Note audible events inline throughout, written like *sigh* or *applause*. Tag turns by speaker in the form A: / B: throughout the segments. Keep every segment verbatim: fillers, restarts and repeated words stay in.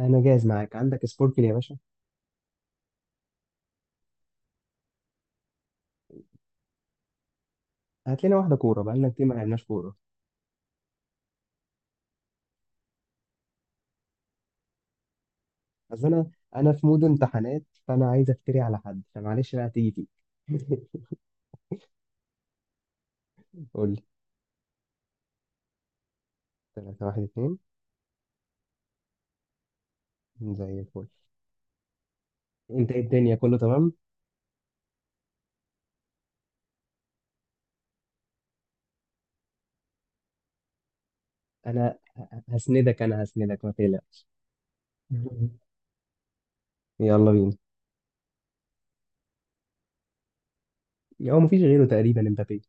A: انا جاهز معاك. عندك سبوركل يا باشا؟ هات لنا واحده كوره، بقالنا كتير ما لعبناش كوره. بس انا انا في مود امتحانات، فانا عايز افتري على حد، فمعلش بقى، تيجي تيجي. قول لي. تلاتة واحد اتنين. زي الفل. انت ايه؟ الدنيا كله تمام؟ انا ه- هسندك، انا هسندك، ما تقلقش. *laughs* يلا بينا. هو مفيش غيره تقريبا، امبابي.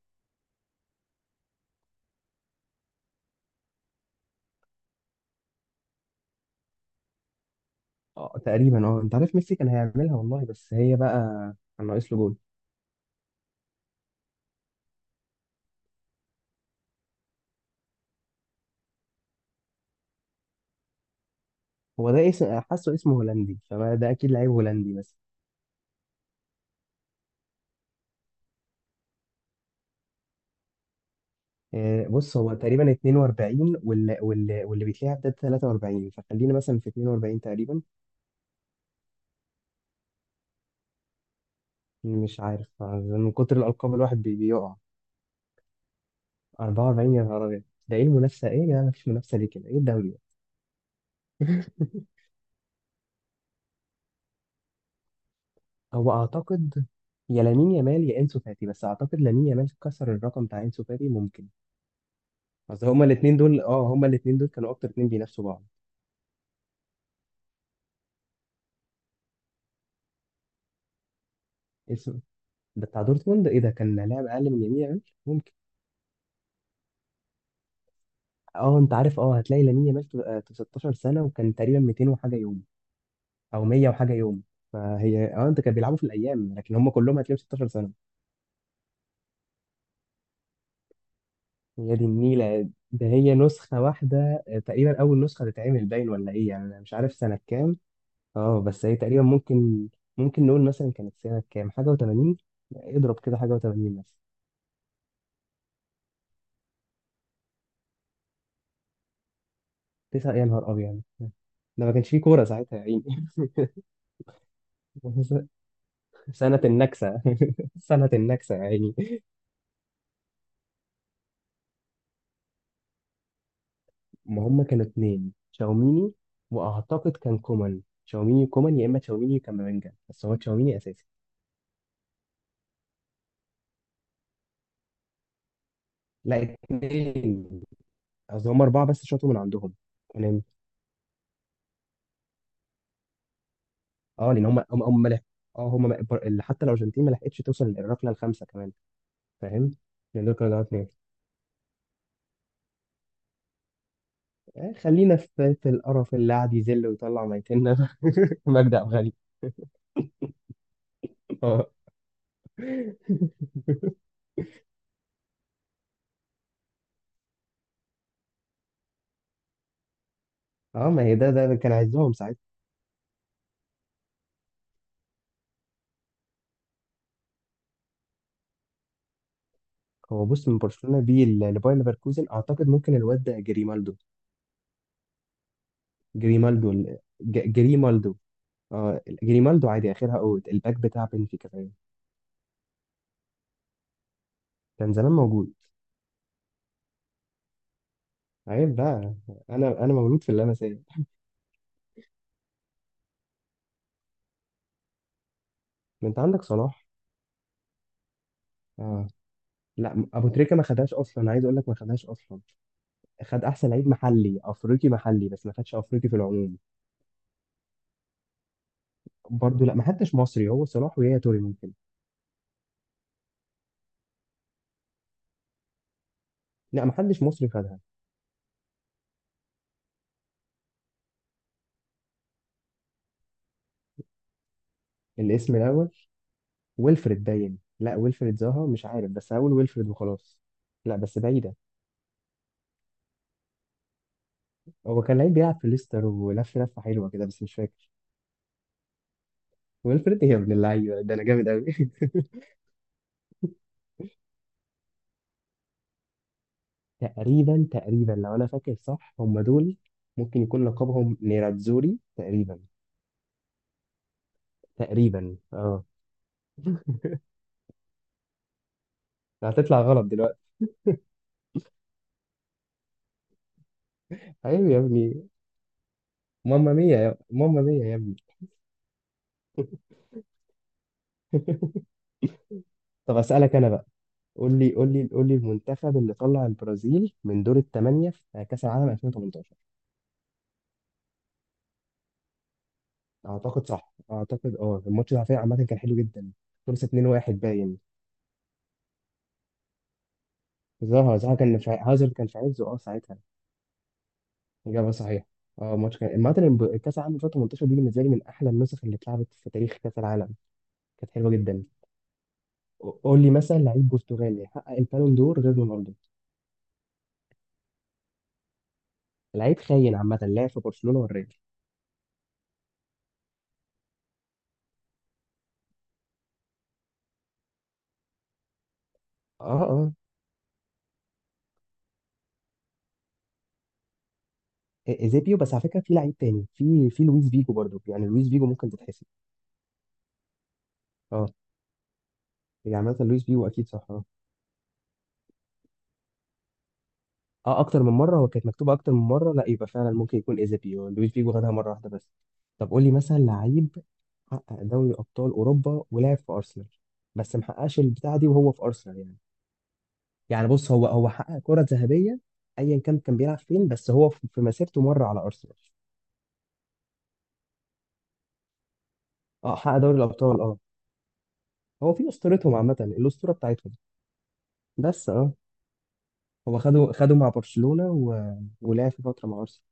A: اه تقريبا، اه، انت عارف ميسي كان هيعملها والله، بس هي بقى. كان ناقص له جول. هو ده اسم، حاسه اسمه هولندي، فده اكيد لعيب هولندي بس. آه، بص، هو تقريبا اتنين واربعين، واللي واللي واللي بيتلعب ده ثلاثة وأربعين، فخلينا مثلا في اتنين واربعين تقريبا. مش عارف. آه، من كتر الألقاب، الواحد بي- بيقع. اربعة واربعين، يا نهار أبيض. ده إيه المنافسة؟ إيه يا جماعة؟ مفيش منافسة ليه كده؟ إيه الدوري ده؟ *laughs* هو أعتقد، يا لامين يامال يا انسو فاتي، بس اعتقد لامين يامال كسر الرقم بتاع انسو فاتي، ممكن. اصل هما الاثنين دول، اه هما الاثنين دول كانوا اكتر اثنين بينافسوا بعض. اسم. ده بتاع دورتموند، ايه ده؟ كان لاعب اقل من يمين. يامال. اه انت عارف، اه هتلاقي لامين يامال في، آه، في 16 سنه، وكان تقريبا ميتين وحاجه يوم، او ميه وحاجه يوم. فهي اه، انت، كان بيلعبوا في الايام، لكن هم كلهم هتلاقيهم 16 سنه. هي دي النيله. ده هي نسخه واحده، آه، تقريبا اول نسخه تتعمل، باين ولا ايه يعني، انا مش عارف سنه كام. اه بس هي تقريبا ممكن. ممكن نقول مثلا كانت سنه كام، حاجه و80. اضرب كده حاجه و80. مثلا. تسعة، يا نهار ابيض. ده ما كانش فيه كوره ساعتها، يا عيني. *laughs* سنه النكسه. *laughs* سنه النكسه، يا عيني. ما هم كانوا اتنين، تشاوميني. واعتقد كان كومان، تشاوميني كومان، يا اما تشاوميني وكامافينجا، بس هو تشاوميني اساسي. لا، اتنين. قصدي هم اربعه بس شاطوا من عندهم. يعني. اه، لان هم هم هم ملح. اه، هم م- بر- اللي حتى الارجنتين ما لحقتش توصل للركله الخامسه كمان. فاهم. يعني دول كانوا اتنين. آه، خلينا في في القرف اللي قاعد يذل ويطلع ميتنا ده. *laughs* مجدي عبد الغني. اه اه، ما هي ده ده كان عايزهم ساعتها. هو بص، من برشلونه بيه ل- لباير ليفركوزن، اعتقد ممكن الواد ده جريمالدو. جريمالدو ال- ج- جريمالدو. اه، جريمالدو عادي اخرها اوت الباك بتاع بنفيكا كمان. كان زمان موجود. عيب بقى. انا انا مولود في اللمسيه. ما انت عندك صلاح. اه، لا ابو تريكه ما خدهاش اصلا، عايز اقول لك ما خدهاش اصلا. خد احسن لعيب محلي افريقي محلي بس، ما خدش افريقي في العموم. برضه لا، ما حدش مصري، هو صلاح ويا توري ممكن. لا، ما حدش مصري خدها. الاسم الاول. ويلفريد باين. لا، ويلفريد زاها، مش عارف، بس هقول ويلفريد وخلاص. لا بس بعيده. هو كان لعيب بيلعب في ليستر، ولف لفه حلوه كده بس مش فاكر. ويلفريد ايه يا ابن اللعيبه، ده انا جامد قوي! *laughs* تقريبا تقريبا، لو انا فاكر صح هم دول. ممكن يكون لقبهم نيراتزوري تقريبا. تقريبا اه. هتطلع غلط دلوقتي. ايوه يا ابني. ماما مية، يا ماما مية يا ابني. طب اسالك انا بقى. قول لي قول لي قول لي المنتخب اللي طلع البرازيل من دور الثمانيه في كاس العالم ألفين وثمانية عشر. اعتقد صح، اعتقد. اه، الماتش ده على فكرة عامه كان حلو جدا. خلص اثنين واحد. باين. زها زها كان في ع- هازارد كان في عزه اه ساعتها. إجابة صحيحة. اه ماتش كان عامة. الب- كأس العالم الفين وتمنتاشر دي بالنسبة لي من أحلى النسخ اللي اتلعبت في تاريخ كأس العالم. كانت حلوة جدا. قول لي مثلا، لعيب برتغالي حقق البالون دور غير رونالدو. لعيب خاين عامة، لعب في برشلونة والريال. اه اه، إ- إيزيبيو، بس على فكرة في لعيب تاني، في في لويس فيجو برضو يعني، لويس فيجو ممكن تتحسب. اه. يعني مثلا لويس فيجو أكيد صح آه. اه، اكتر من مره، هو كانت مكتوبه اكتر من مره، لا يبقى فعلا ممكن يكون ايزابيو، لويس فيجو خدها مره واحده بس. طب قول لي مثلا لعيب حقق دوري ابطال اوروبا ولعب في ارسنال. بس محققش البتاعه دي وهو في ارسنال يعني. يعني بص، هو هو حقق كره ذهبيه، ايا كان كان بيلعب فين، بس هو في في مسيرته مره على ارسنال. اه حقق دوري الابطال اه. هو في اسطورتهم عامه، الاسطوره بتاعتهم. بس اه. هو خده خده مع برشلونه و... ولعب في فتره مع ارسنال.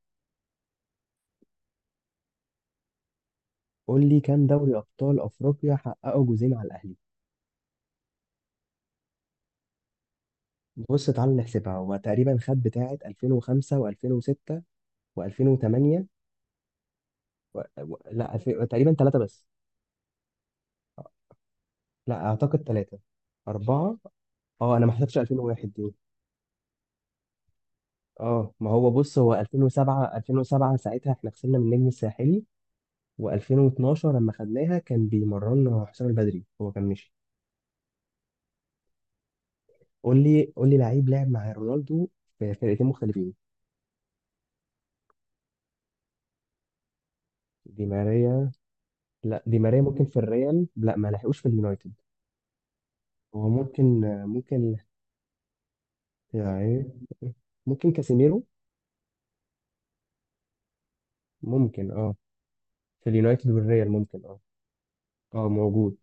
A: قول لي، كام دوري ابطال افريقيا حققه جوزين على الاهلي؟ بص تعال نحسبها، هو تقريبا خد بتاعة ألفين وخمسة و2006 و2008 و... و... لا الف... تقريبا ثلاثة بس. لا أعتقد ثلاثة. أربعة. أه أنا ما حسبتش الفين وواحد دي. أه ما هو بص، هو الفين وسبعه الفين وسبعه ساعتها إحنا خسرنا من النجم الساحلي، و2012 لما خدناها كان بيمرنا حسام البدري، هو كان مشي. قول لي قول لي لعيب لعب مع رونالدو في فرقتين مختلفين. دي ماريا. لا، دي ماريا ممكن في الريال، لا ما لحقوش في اليونايتد. هو ممكن. ممكن. يعني. ممكن كاسيميرو. ممكن اه، في اليونايتد والريال ممكن اه. اه موجود.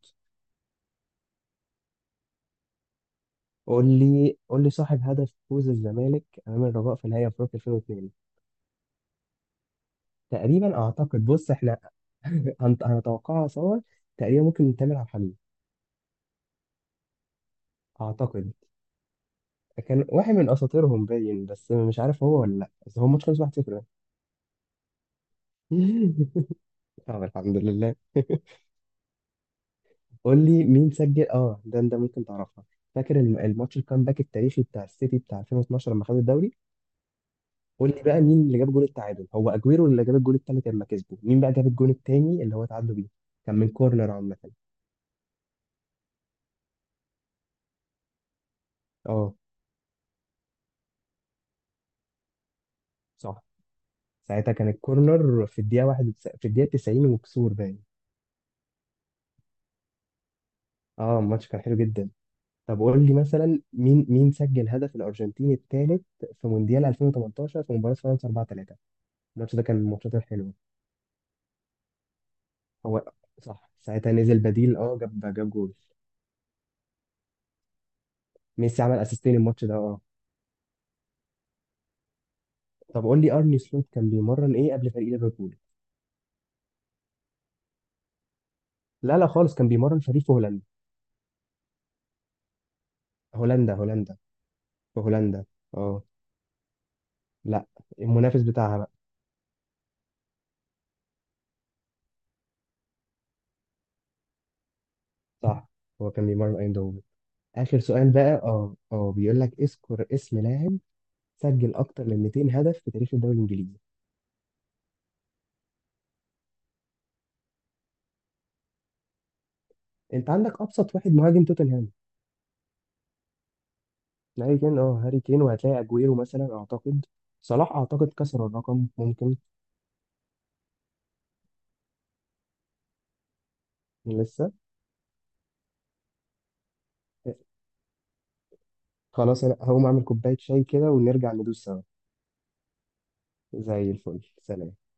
A: قول لي قول لي صاحب هدف فوز الزمالك امام الرجاء في نهائي افريقيا الفين واتنين. تقريبا اعتقد بص احنا *laughs* هنت- هنتوقعها سوا. تقريبا ممكن تامر عبد الحليم. اعتقد كان واحد من اساطيرهم باين، بس مش عارف هو ولا لا، بس هو الماتش خلص واحد صفر. *laughs* طب الحمد لله. *laughs* قول لي مين سجل، اه ده انت ممكن تعرفها. فاكر الم- الماتش الكامباك التاريخي بتاع السيتي بتاع ألفين واثني عشر لما خد الدوري، قول لي بقى مين اللي جاب جول التعادل؟ هو اجويرو اللي جاب الجول التالت لما كسبوا، مين بقى جاب الجول التاني اللي هو تعادلوا بيه؟ كان من كورنر عامة. اه صح، ساعتها كان الكورنر في الدقيقة واحد وتس... في الدقيقة تسعين وكسور باين. اه الماتش كان حلو جدا. طب قول لي مثلا، مين مين سجل هدف الارجنتين التالت في مونديال الفين وتمنتاشر في مباراة فرنسا اربعه تلاته. الماتش ده كان من الماتشات الحلوة. هو صح، ساعتها نزل بديل اه جاب جاب جول. ميسي عمل اسيستين الماتش ده اه. طب قول لي، ارني سلوت كان بيمرن ايه قبل فريق ليفربول؟ لا لا خالص، كان بيمرن فريق في هولندا. هولندا، هولندا. في هولندا. اه. لا. المنافس بتاعها بقى. صح. هو كان بيمرن ايندهوفن. اخر سؤال بقى، اه اه بيقول لك اذكر اسم لاعب سجل اكتر من ميتين هدف في تاريخ الدوري الانجليزي. انت عندك ابسط واحد، مهاجم توتنهام. هاري كين، اه هاري كين، وهتلاقي اجويرو مثلا اعتقد. صلاح اعتقد كسر الرقم ممكن. لسه. خلاص انا هقوم اعمل كوبايه شاي كده ونرجع ندوس سوا. زي الفل، سلام.